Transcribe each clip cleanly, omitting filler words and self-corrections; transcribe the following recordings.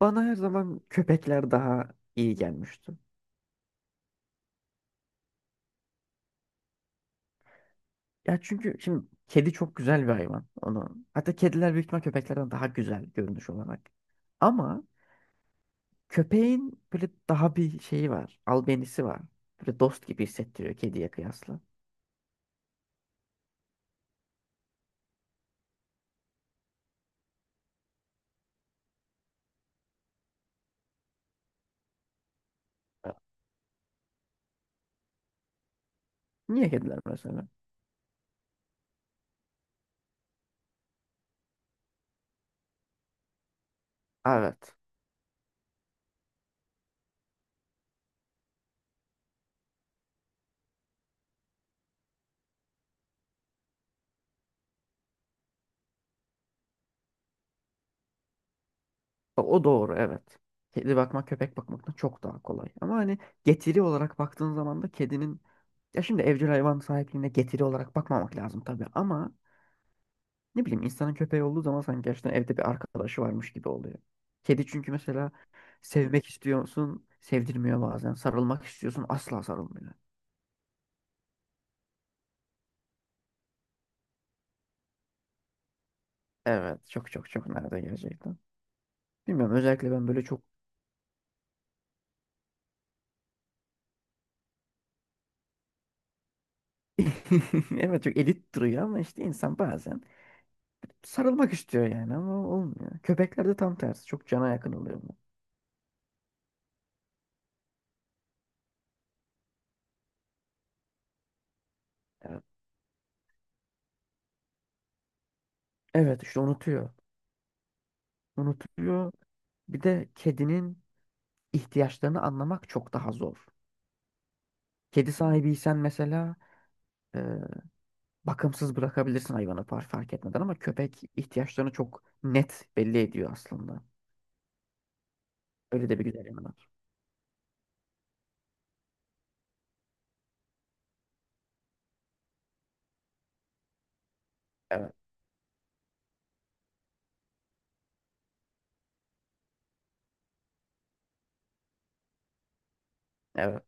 Bana her zaman köpekler daha iyi gelmişti. Ya çünkü şimdi kedi çok güzel bir hayvan. Onu hatta kediler büyük ihtimal köpeklerden daha güzel görünüş olarak. Ama köpeğin böyle daha bir şeyi var. Albenisi var. Böyle dost gibi hissettiriyor kediye kıyasla. Niye kediler mesela? Evet. O doğru, evet. Kedi bakmak köpek bakmaktan çok daha kolay. Ama hani getiri olarak baktığın zaman da kedinin, ya şimdi evcil hayvan sahipliğine getiri olarak bakmamak lazım tabii, ama ne bileyim, insanın köpeği olduğu zaman sanki gerçekten evde bir arkadaşı varmış gibi oluyor. Kedi çünkü mesela sevmek istiyorsun, sevdirmiyor bazen. Sarılmak istiyorsun, asla sarılmıyor. Evet, çok çok çok, nerede gerçekten. Bilmiyorum, özellikle ben böyle çok… Evet, çok elit duruyor ama işte insan bazen sarılmak istiyor yani, ama olmuyor. Köpeklerde tam tersi, çok cana yakın oluyor bu. Evet. Evet işte, unutuyor. Unutuyor. Bir de kedinin ihtiyaçlarını anlamak çok daha zor. Kedi sahibiysen mesela bakımsız bırakabilirsin hayvanı, fark etmeden, ama köpek ihtiyaçlarını çok net belli ediyor aslında. Öyle de bir güzel yanı var. Evet, evet.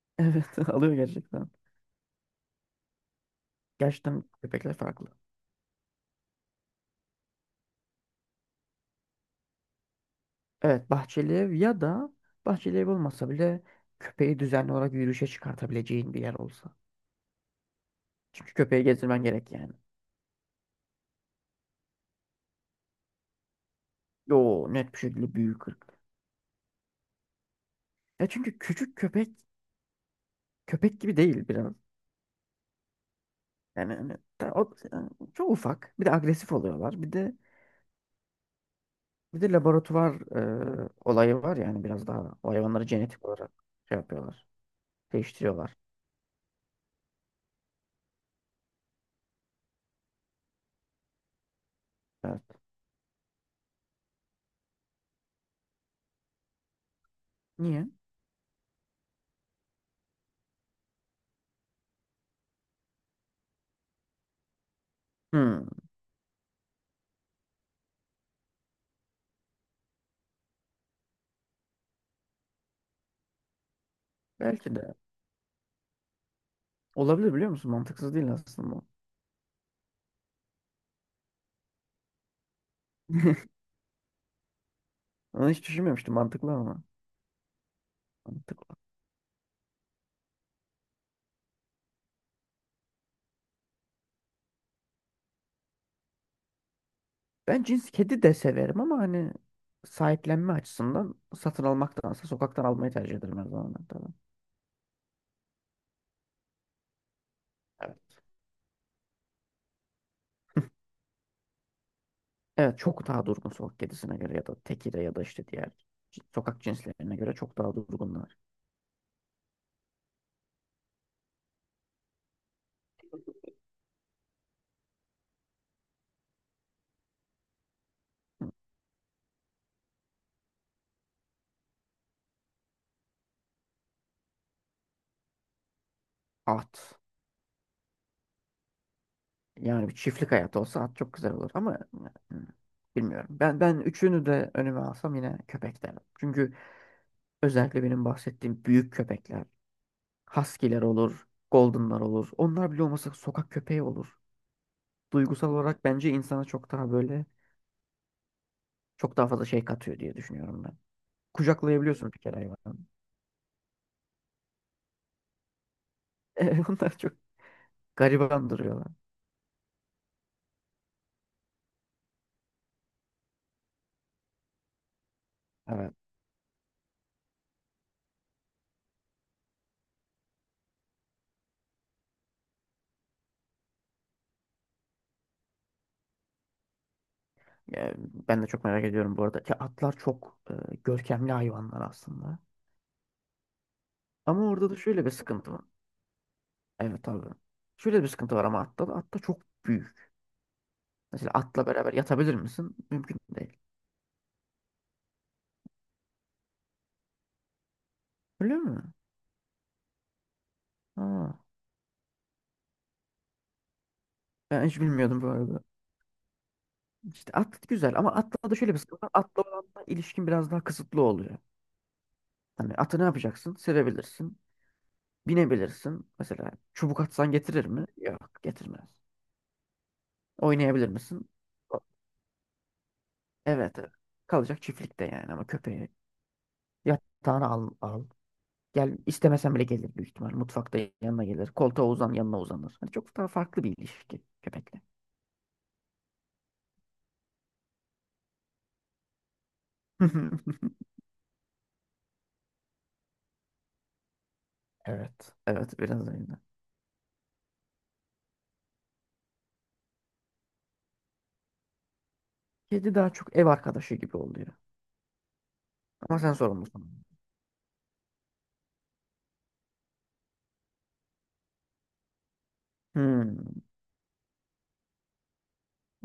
Evet, alıyor gerçekten. Gerçekten köpekler farklı. Evet, bahçeli ev ya da bahçeli ev olmasa bile köpeği düzenli olarak yürüyüşe çıkartabileceğin bir yer olsa. Çünkü köpeği gezdirmen gerek yani. Yo, net bir şekilde büyük ırk. Ya çünkü küçük köpek köpek gibi değil biraz. Yani, hani, yani çok ufak. Bir de agresif oluyorlar. Bir de… Bir de laboratuvar olayı var, yani biraz daha o hayvanları genetik olarak şey yapıyorlar. Değiştiriyorlar. Evet. Niye? Hmm, belki de. Olabilir biliyor musun? Mantıksız değil aslında bu. Onu hiç düşünmemiştim. Mantıklı ama. Mantıklı. Ben cins kedi de severim ama hani sahiplenme açısından satın almaktansa sokaktan almayı tercih ederim her zaman. Tabii. Evet. Evet, çok daha durgun sokak kedisine göre ya da tekire ya da işte diğer sokak cinslerine göre çok daha durgunlar. Hı. At. Yani bir çiftlik hayatı olsa at çok güzel olur ama hmm, bilmiyorum. Ben üçünü de önüme alsam yine köpek derim. Çünkü özellikle benim bahsettiğim büyük köpekler, husky'ler olur, golden'lar olur. Onlar bile olmasa sokak köpeği olur. Duygusal olarak bence insana çok daha böyle, çok daha fazla şey katıyor diye düşünüyorum ben. Kucaklayabiliyorsun bir kere hayvanı. Onlar çok gariban duruyorlar. Evet. Yani ben de çok merak ediyorum bu arada ki atlar çok görkemli hayvanlar aslında. Ama orada da şöyle bir sıkıntı var. Evet abi. Şöyle bir sıkıntı var ama atta da. Atta çok büyük. Mesela atla beraber yatabilir misin? Mümkün değil. Öyle mi? Aa, ben hiç bilmiyordum bu arada. İşte at güzel ama atla da şöyle bir sıkıntı var. Atla olan da ilişkin biraz daha kısıtlı oluyor. Hani atı ne yapacaksın? Sevebilirsin. Binebilirsin. Mesela çubuk atsan getirir mi? Yok, getirmez. Oynayabilir misin? O- Evet, evet. Kalacak çiftlikte yani, ama köpeği yatağına al, al. Gel istemesen bile gelir büyük ihtimal. Mutfakta yanına gelir. Koltuğa uzan, yanına uzanır. Hani çok daha farklı bir ilişki köpekle. Evet. Evet biraz öyle. Kedi daha çok ev arkadaşı gibi oluyor. Ama sen sorumlusun. Hmm,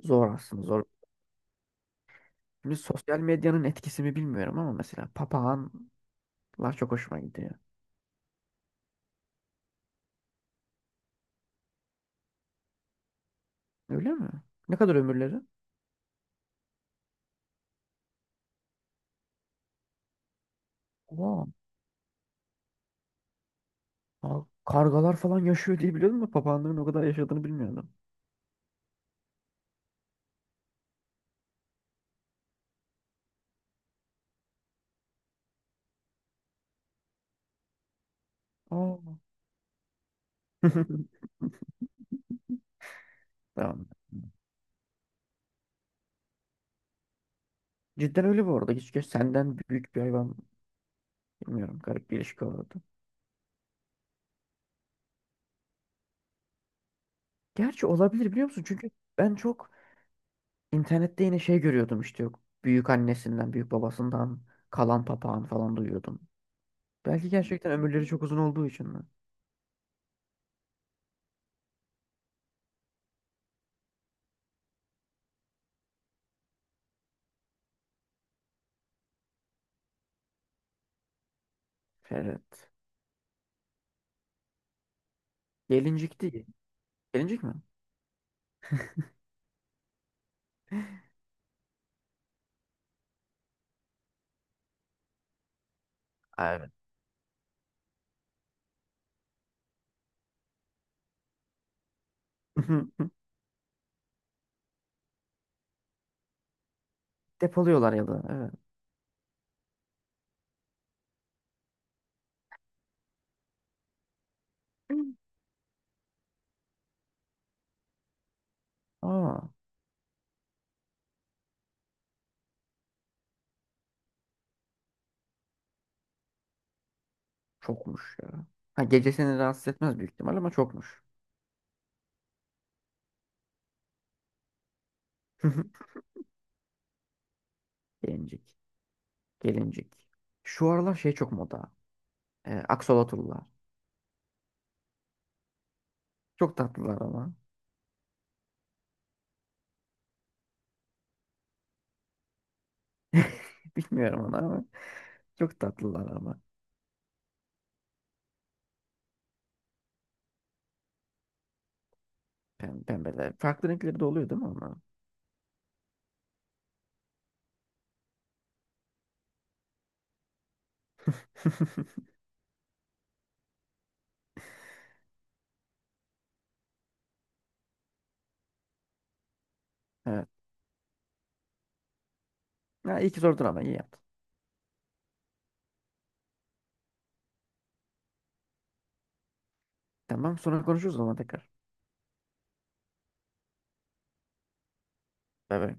zor aslında, zor. Şimdi sosyal medyanın etkisi mi bilmiyorum, ama mesela papağanlar çok hoşuma gidiyor. Öyle mi? Ne kadar ömürleri? Aa, aa, kargalar falan yaşıyor diye biliyordum da papağanların o kadar yaşadığını bilmiyordum. Aa. Tamam. Cidden öyle bu arada. Keşke senden büyük bir hayvan… Bilmiyorum, garip bir ilişki olurdu. Gerçi olabilir biliyor musun? Çünkü ben çok internette yine şey görüyordum işte, yok, büyük annesinden, büyük babasından kalan papağan falan duyuyordum. Belki gerçekten ömürleri çok uzun olduğu için mi? Ferret. Gelincik değil. Gelincik mi? Aa, evet. Depoluyorlar ya da, evet. Aa, çokmuş ya. Ha, gece seni rahatsız etmez büyük ihtimal ama çokmuş. Gelincik. Gelincik. Şu aralar şey çok moda. Aksolotlular. Çok tatlılar ama. Bilmiyorum onu ama. Çok tatlılar ama. Pem pembeler. Farklı renkleri de oluyor değil mi ama? Evet. Ha, iyi ki sordun ama, iyi yaptın. Tamam, sonra konuşuruz o zaman tekrar. Bay